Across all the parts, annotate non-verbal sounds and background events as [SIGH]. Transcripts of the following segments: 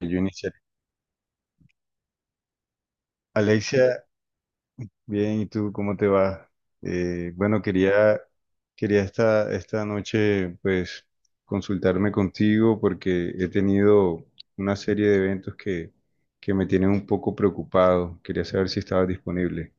Yo iniciaré. Alexia, bien, ¿y tú cómo te va? Bueno, quería esta noche pues consultarme contigo porque he tenido una serie de eventos que me tienen un poco preocupado. Quería saber si estabas disponible.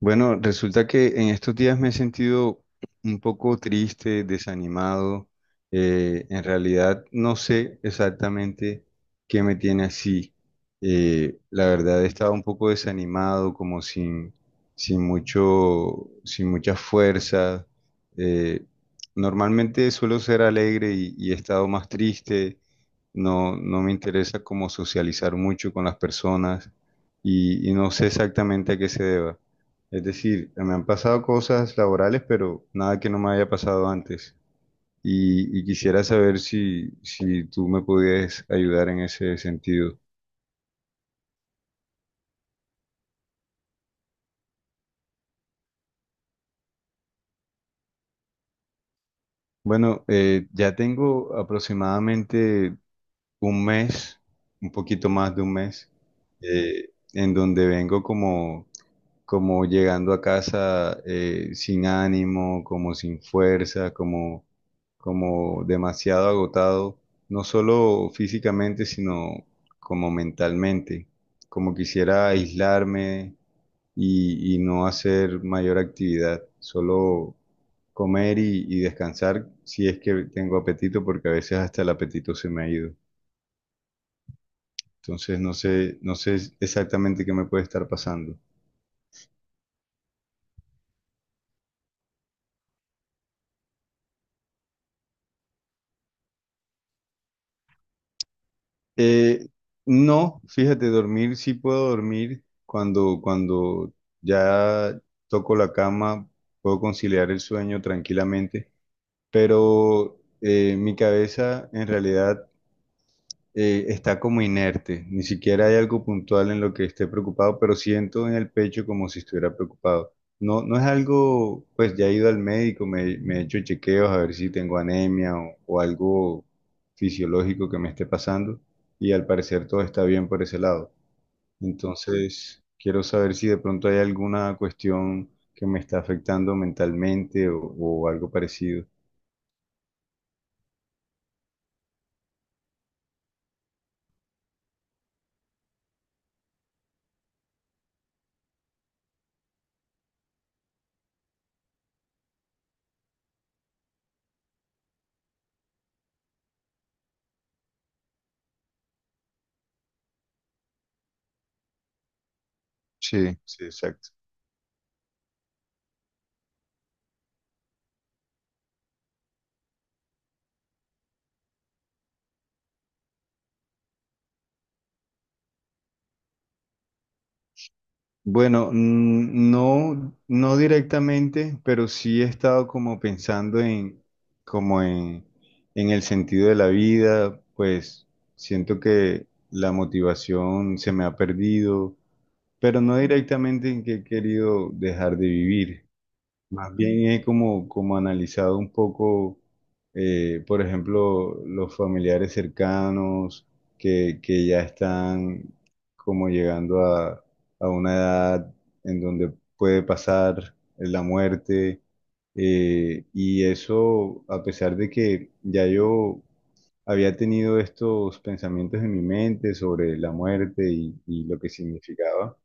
Bueno, resulta que en estos días me he sentido un poco triste, desanimado. En realidad no sé exactamente qué me tiene así. La verdad he estado un poco desanimado, como sin mucha fuerza. Eh, Normalmente suelo ser alegre y he estado más triste. No, no me interesa como socializar mucho con las personas y no sé exactamente a qué se deba. Es decir, me han pasado cosas laborales, pero nada que no me haya pasado antes. Y quisiera saber si tú me pudieras ayudar en ese sentido. Bueno, ya tengo aproximadamente un mes, un poquito más de un mes, en donde vengo como llegando a casa sin ánimo, como sin fuerza, como demasiado agotado, no solo físicamente, sino como mentalmente, como quisiera aislarme y no hacer mayor actividad, solo comer y descansar si es que tengo apetito, porque a veces hasta el apetito se me ha ido. Entonces no sé exactamente qué me puede estar pasando. Eh, no, fíjate, dormir sí puedo dormir cuando ya toco la cama, puedo conciliar el sueño tranquilamente, pero mi cabeza en realidad está como inerte, ni siquiera hay algo puntual en lo que esté preocupado, pero siento en el pecho como si estuviera preocupado. No, no es algo, pues ya he ido al médico, me he hecho chequeos a ver si tengo anemia o algo fisiológico que me esté pasando y al parecer todo está bien por ese lado. Entonces, quiero saber si de pronto hay alguna cuestión que me está afectando mentalmente o algo parecido. Sí. Sí, exacto. Bueno, no, no directamente, pero sí he estado como pensando como en, en el sentido de la vida, pues siento que la motivación se me ha perdido, pero no directamente en que he querido dejar de vivir. Más bien he como analizado un poco, por ejemplo, los familiares cercanos que ya están como llegando a una edad en donde puede pasar la muerte. Y eso, a pesar de que ya yo había tenido estos pensamientos en mi mente sobre la muerte y lo que significaba.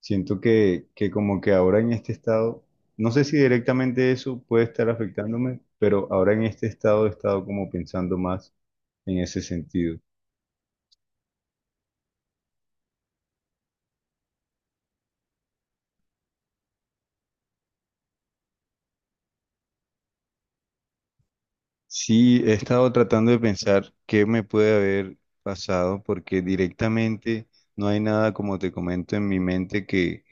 Siento que como que ahora en este estado, no sé si directamente eso puede estar afectándome, pero ahora en este estado he estado como pensando más en ese sentido. Sí, he estado tratando de pensar qué me puede haber pasado, porque directamente no hay nada, como te comento, en mi mente que,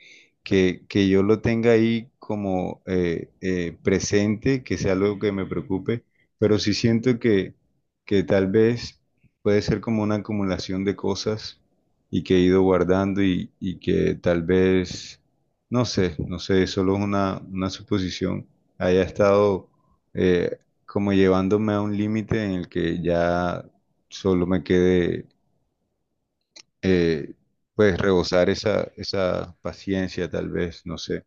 que, que yo lo tenga ahí como presente, que sea algo que me preocupe, pero sí siento que tal vez puede ser como una acumulación de cosas y que he ido guardando y que tal vez, no sé, solo es una suposición, haya estado... eh, como llevándome a un límite en el que ya solo me quede, eh, pues, rebosar esa paciencia, tal vez, no sé.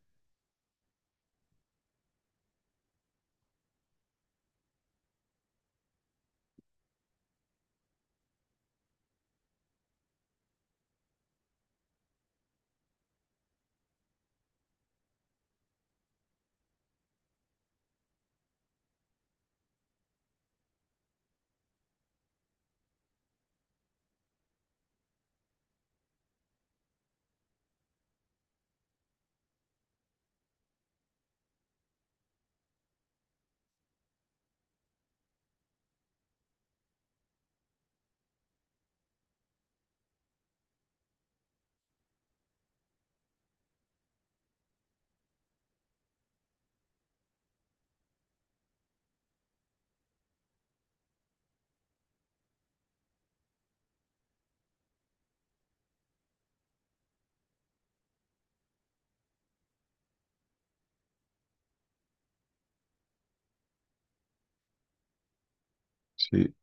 Sí,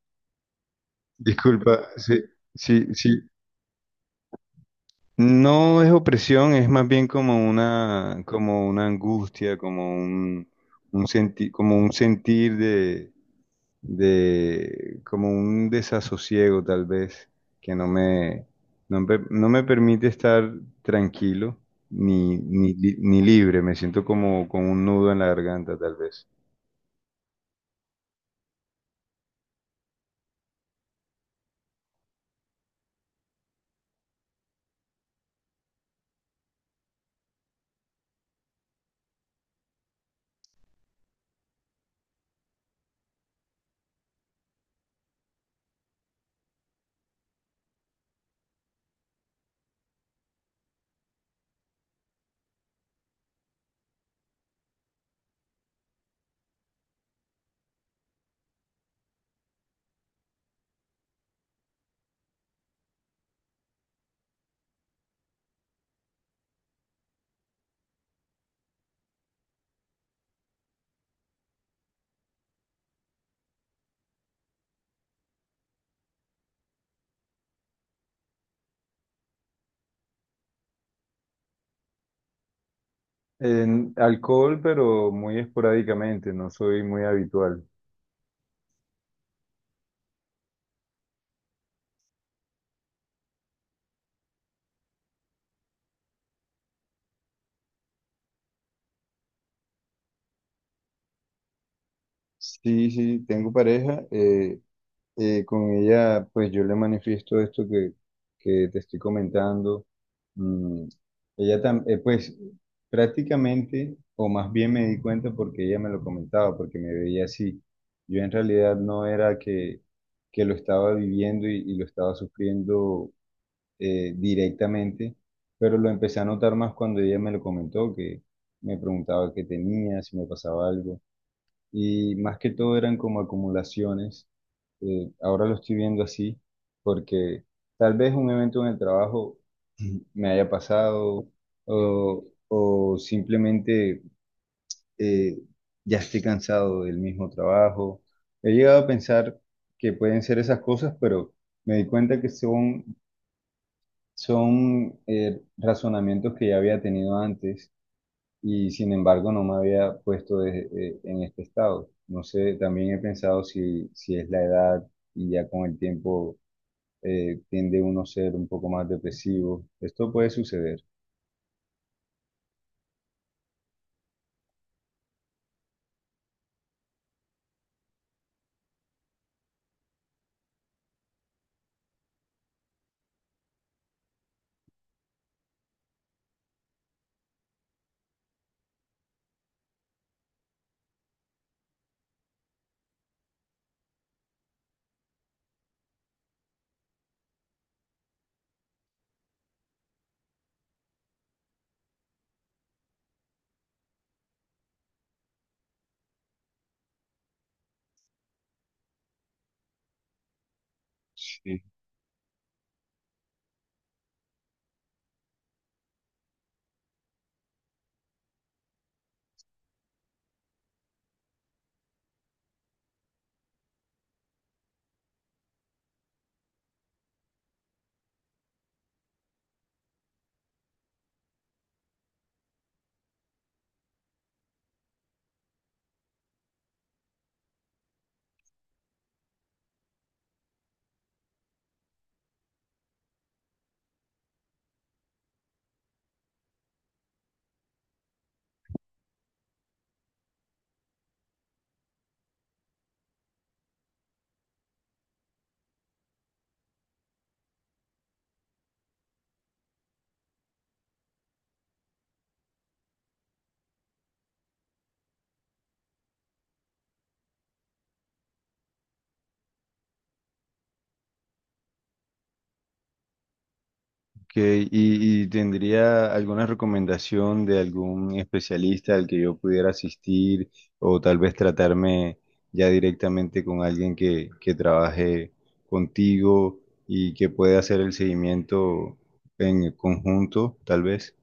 disculpa, sí, sí, sí, no es opresión, es más bien como una angustia, como un senti- como un sentir de, como un desasosiego tal vez, que no me permite estar tranquilo ni libre, me siento como con un nudo en la garganta tal vez. En alcohol, pero muy esporádicamente, no soy muy habitual. Sí, sí, tengo pareja. Con ella, pues yo le manifiesto esto que te estoy comentando. Mm, Ella también, pues prácticamente, o más bien me di cuenta porque ella me lo comentaba, porque me veía así. Yo en realidad no era que lo estaba viviendo y lo estaba sufriendo directamente, pero lo empecé a notar más cuando ella me lo comentó, que me preguntaba qué tenía, si me pasaba algo y más que todo eran como acumulaciones. Ahora lo estoy viendo así porque tal vez un evento en el trabajo [CLEARS THROAT] me haya pasado o simplemente eh, ya estoy cansado del mismo trabajo. He llegado a pensar que pueden ser esas cosas, pero me di cuenta que son razonamientos que ya había tenido antes y sin embargo no me había puesto en este estado. No sé, también he pensado si es la edad y ya con el tiempo tiende uno a ser un poco más depresivo. Esto puede suceder. Sí. Ok, ¿y tendría alguna recomendación de algún especialista al que yo pudiera asistir o tal vez tratarme ya directamente con alguien que trabaje contigo y que pueda hacer el seguimiento en conjunto, tal vez?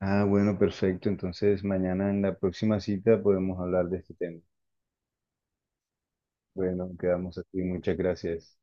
Ah, bueno, perfecto. Entonces, mañana en la próxima cita podemos hablar de este tema. Bueno, quedamos así. Muchas gracias.